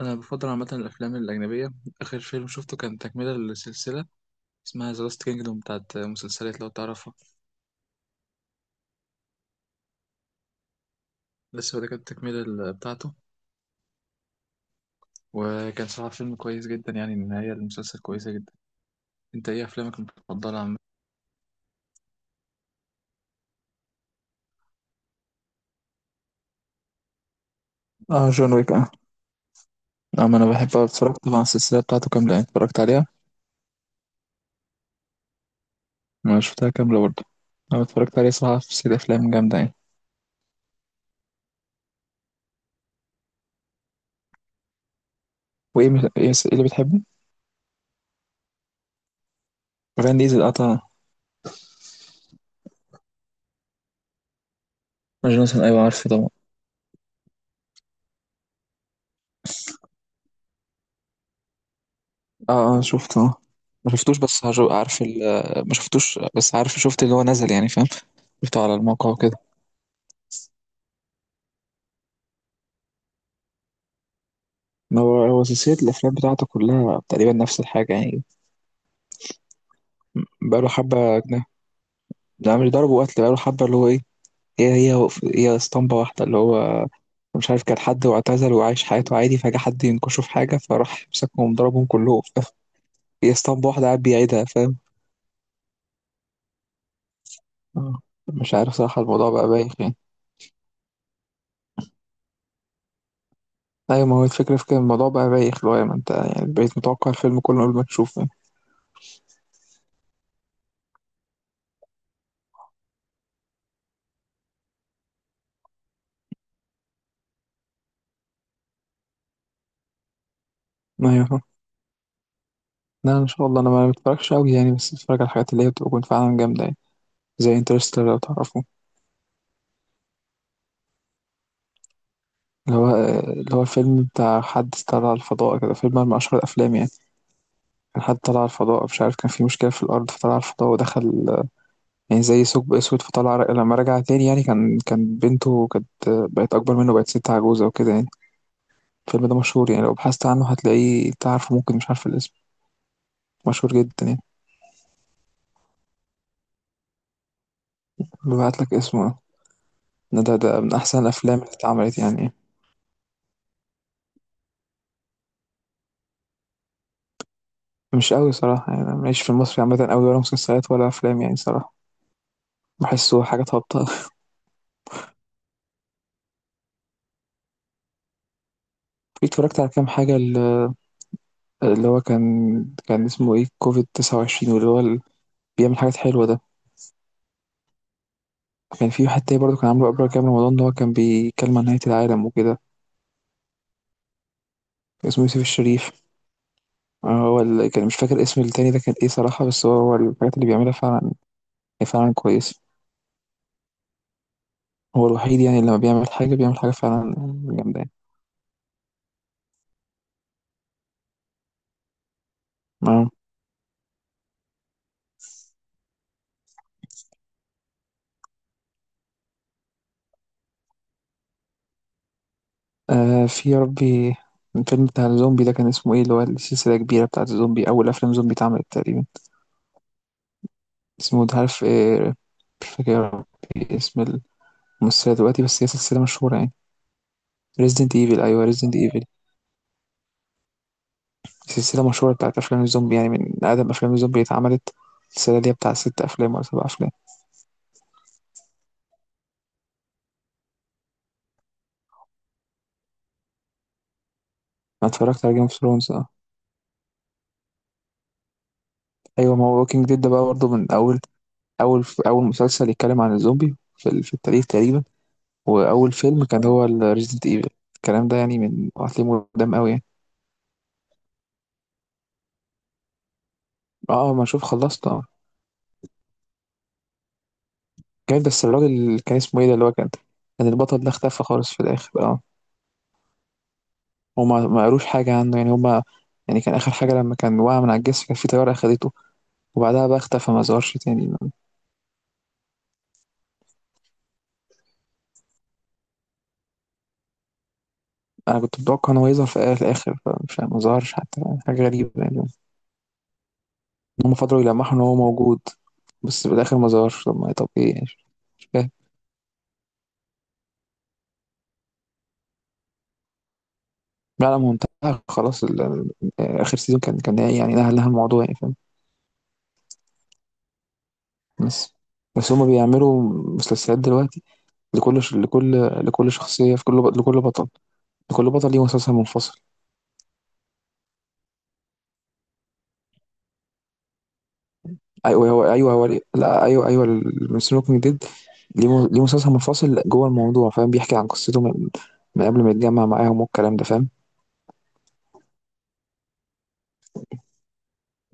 أنا بفضل عامة الأفلام الأجنبية. آخر فيلم شفته كان تكملة لسلسلة اسمها ذا لاست كينجدوم بتاعت مسلسلات لو تعرفها. لسه ده كانت التكملة بتاعته. وكان صراحة فيلم كويس جدا، يعني النهاية المسلسل كويسة جدا. أنت إيه أفلامك المفضلة عامة؟ اه، جون ويك اه. نعم انا بحبها، اتفرجت طبعا السلسله بتاعته كامله، يعني اتفرجت عليها. انا شفتها كامله برضه. انا اتفرجت عليها صراحه، في سلسله افلام جامده يعني. وايه مس- ايه س- إيه اللي بتحبه؟ فان ديزل اه طبعا. جونسون ايوه عارفه طبعا. اه اه شفته اه. ما شفتوش بس عارف ال. ما شفتوش بس عارف شفت اللي هو نزل يعني فاهم. شفته على الموقع وكده. ما هو سلسلة الأفلام بتاعته كلها تقريبا نفس الحاجة يعني. بقاله حبة ده مش ضرب وقتل بقاله حبة اللي هو إيه. هي هي هي اسطمبة واحدة اللي هو مش عارف، كان حد واعتزل وعايش حياته عادي، فجأة حد ينكشه في حاجة فراح مسكهم ضربهم كلهم فاهم. هي اسطمبة واحدة قاعد بيعيدها فاهم. آه. مش عارف صراحة، الموضوع بقى بايخ يعني. ايوه، ما هو الفكرة في كده، الموضوع بقى بايخ، اللي هو ما انت يعني بقيت متوقع الفيلم كله قبل ما تشوفه. ايوه فاهم. لا ان شاء الله، انا ما بتفرجش قوي يعني، بس بتفرج على الحاجات اللي هي بتكون فعلا جامدة يعني. زي انترستيلر لو تعرفه. اللي هو الفيلم بتاع حد طلع على الفضاء كده، فيلم من اشهر الافلام يعني. كان حد طلع على الفضاء، مش عارف كان في مشكلة في الارض فطلع على الفضاء، ودخل يعني زي ثقب اسود، فطلع لما رجع تاني يعني كان بنته كانت بقت اكبر منه، بقت ست عجوزة وكده يعني. الفيلم ده مشهور يعني، لو بحثت عنه هتلاقيه، تعرفه ممكن، مش عارف الاسم. مشهور جدا يعني. ببعت لك اسمه. ده من احسن الافلام اللي اتعملت يعني. مش قوي صراحه، يعني انا ماليش في المصري عامه قوي، ولا مسلسلات ولا افلام يعني صراحه. بحسه حاجات هابطه. اتفرجت على كام حاجه اللي هو كان اسمه ايه كوفيد 29، واللي هو بيعمل حاجات حلوه ده. كان في واحد تاني برضه كان عامله قبل كام رمضان، اللي هو كان بيتكلم عن نهايه العالم وكده. كان اسمه يوسف الشريف. هو كان مش فاكر اسم التاني ده كان ايه صراحه، بس هو الحاجات اللي بيعملها فعلا فعلا كويسه. هو الوحيد يعني، اللي لما بيعمل حاجه بيعمل حاجه فعلا جامده يعني. آه. آه في يا ربي. الفيلم بتاع الزومبي ده كان اسمه ايه، اللي هو السلسلة الكبيرة بتاعت الزومبي، أول أفلام زومبي اتعملت تقريبا. اسمه ده عارف ايه. مش فاكر يا ربي اسم الممثلة دلوقتي، بس هي سلسلة مشهورة يعني. ريزيدنت ايفل، أيوه ريزيدنت ايفل. سلسلة مشهورة بتاعت أفلام الزومبي يعني، من أقدم أفلام الزومبي اتعملت. السلسلة دي بتاع 6 أفلام ولا 7 أفلام. أنا اتفرجت على جيم اوف ثرونز اه. أيوه، ما هو ووكينج ديد ده بقى برضه من أول، أول مسلسل يتكلم عن الزومبي في التاريخ تقريبا. واول فيلم كان هو ريزيدنت ايفل. الكلام ده يعني من هتلاقيه قدام قوي يعني. اه ما اشوف خلصت اه. جامد، بس الراجل اللي كان اسمه ايه ده، اللي هو كان، كان البطل ده اختفى خالص في الاخر اه. هما ما قالوش حاجه عنه يعني هما. يعني كان اخر حاجه، لما كان وقع من على الجسر، كان في طياره اخدته، وبعدها بقى اختفى ما ظهرش تاني. انا كنت متوقع ان هو يظهر في الاخر، فمش ما ظهرش حتى. حاجه غريبه يعني، ان هم فضلوا يلمحوا ان هو موجود، بس في الاخر ما ظهرش. طب طب ايه يعني. مش فاهم. بقى على منتهى خلاص يعني اخر سيزون، كان يعني نهى لها الموضوع يعني فاهم. بس بس هما بيعملوا مسلسلات دلوقتي، لكل لكل شخصيه، في كل لكل بطل ليه مسلسل منفصل. ايوه هو، ايوه هو. لا ايوه، ايوه السموكينج ديد. ليه ليه مسلسل منفصل جوه الموضوع، فاهم، بيحكي عن قصته من قبل ما يتجمع معاهم والكلام ده فاهم.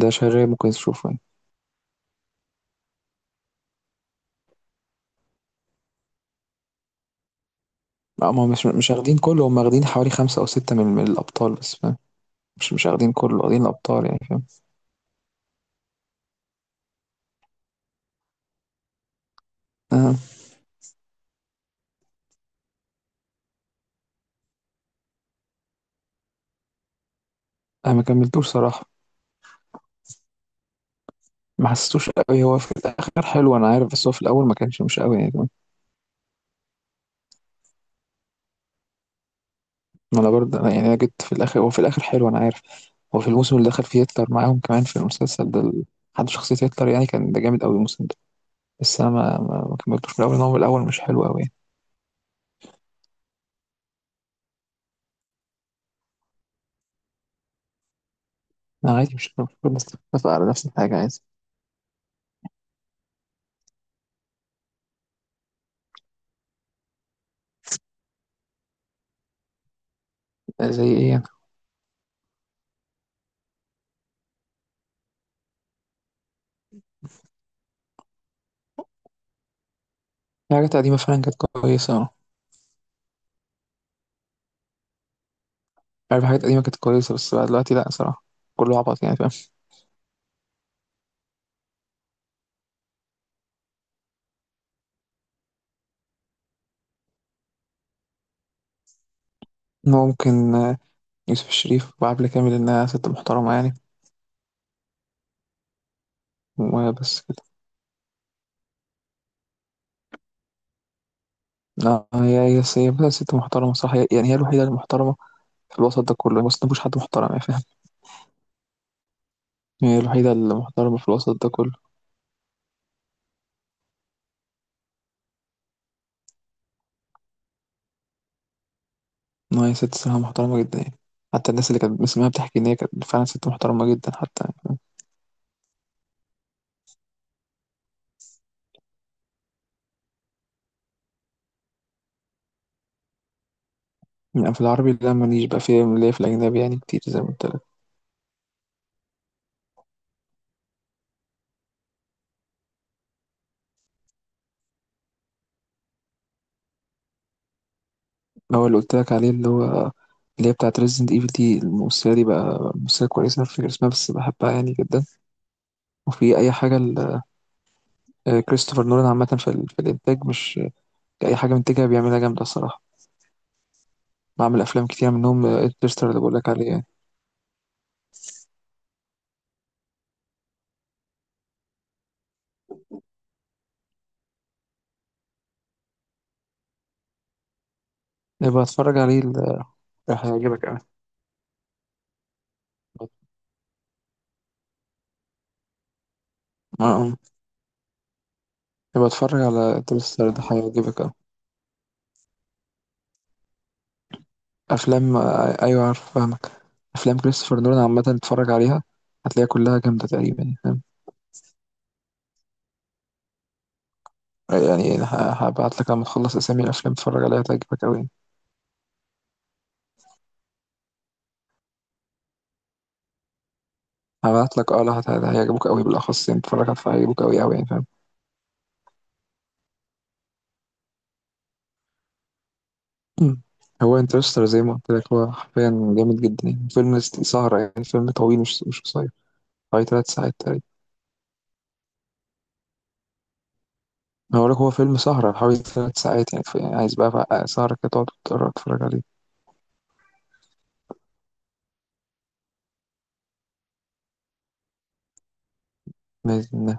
ده شغال، ممكن تشوفه يعني. هما مش واخدين كله، هما واخدين حوالي 5 أو 6 من الأبطال بس، فاهم. مش واخدين كله، واخدين الأبطال يعني فاهم. آه. انا ما كملتوش صراحه. ما حسيتوش قوي، هو في الاخر حلو انا عارف، بس هو في الاول ما كانش مش قوي يعني كمان. ما انا برضه، أنا يعني انا جيت في الاخر، هو في الاخر حلو انا عارف. هو في الموسم اللي دخل فيه هتلر معاهم كمان في المسلسل ده، حد شخصيه هتلر يعني، كان ده جامد قوي الموسم ده. بس انا ما كملتوش من الاول، إن هو من الاول مش حلو قوي يعني. انا عادي، مش كل الناس بتتفق على نفس الحاجه، عادي. زي ايه يعني. في حاجات قديمه فعلا كانت كويسه. عارف، حاجات قديمه كانت كويسه، بس بقى دلوقتي لا صراحه. كله عبط يعني فاهم. ممكن، يوسف الشريف وعبلة كامل، انها ست محترمه يعني. وبس كده. لا، هي بقى ست محترمة صح، يعني هي الوحيدة المحترمة في الوسط ده كله، بس مفيش حد محترم يعني فاهم. هي الوحيدة المحترمة في الوسط ده كله. إن هي ست صراحة محترمة جدا يعني. حتى الناس اللي كانت بتسمعها بتحكي إن هي كانت فعلا ست محترمة جدا حتى يعني. يعني في العربي لا، ماليش بقى، في ليا في الأجنبي يعني كتير زي ما قلت لك. هو اللي قلت لك عليه، اللي هو اللي هي بتاعت ريزنت ايفل دي، الممثلة دي بقى ممثلة كويسة، مش فاكر اسمها بس بحبها يعني جدا. وفي أي حاجة كريستوفر نولان عامة، في الإنتاج، مش أي حاجة منتجها بيعملها جامدة الصراحة. بعمل أفلام كتير منهم انترستر اللي بقولك عليه يعني. يبقى اتفرج عليه، هيعجبك أوي. اه آه. يبقى اتفرج على انترستر ده، هيعجبك أوي. أفلام، أيوة عارف فاهمك. أفلام كريستوفر نولان عامة اتفرج عليها، هتلاقيها كلها جامدة تقريبا يعني، فاهم. يعني هبعت لك لما تخلص أسامي الأفلام، اتفرج عليها هتعجبك أوي يعني. هبعت لك اه، لا هيعجبك أوي بالأخص يعني، اتفرج عليها هيعجبك أوي أوي يعني فاهم. مم. هو انترستر زي ما قلت لك هو حرفيا جامد جدا يعني، فيلم سهرة يعني، فيلم طويل مش قصير، حوالي 3 ساعات تقريبا. هقول لك هو فيلم سهرة، حوالي 3 ساعات يعني، يعني عايز بقى سهرة كده، تقعد تتفرج عليه. ما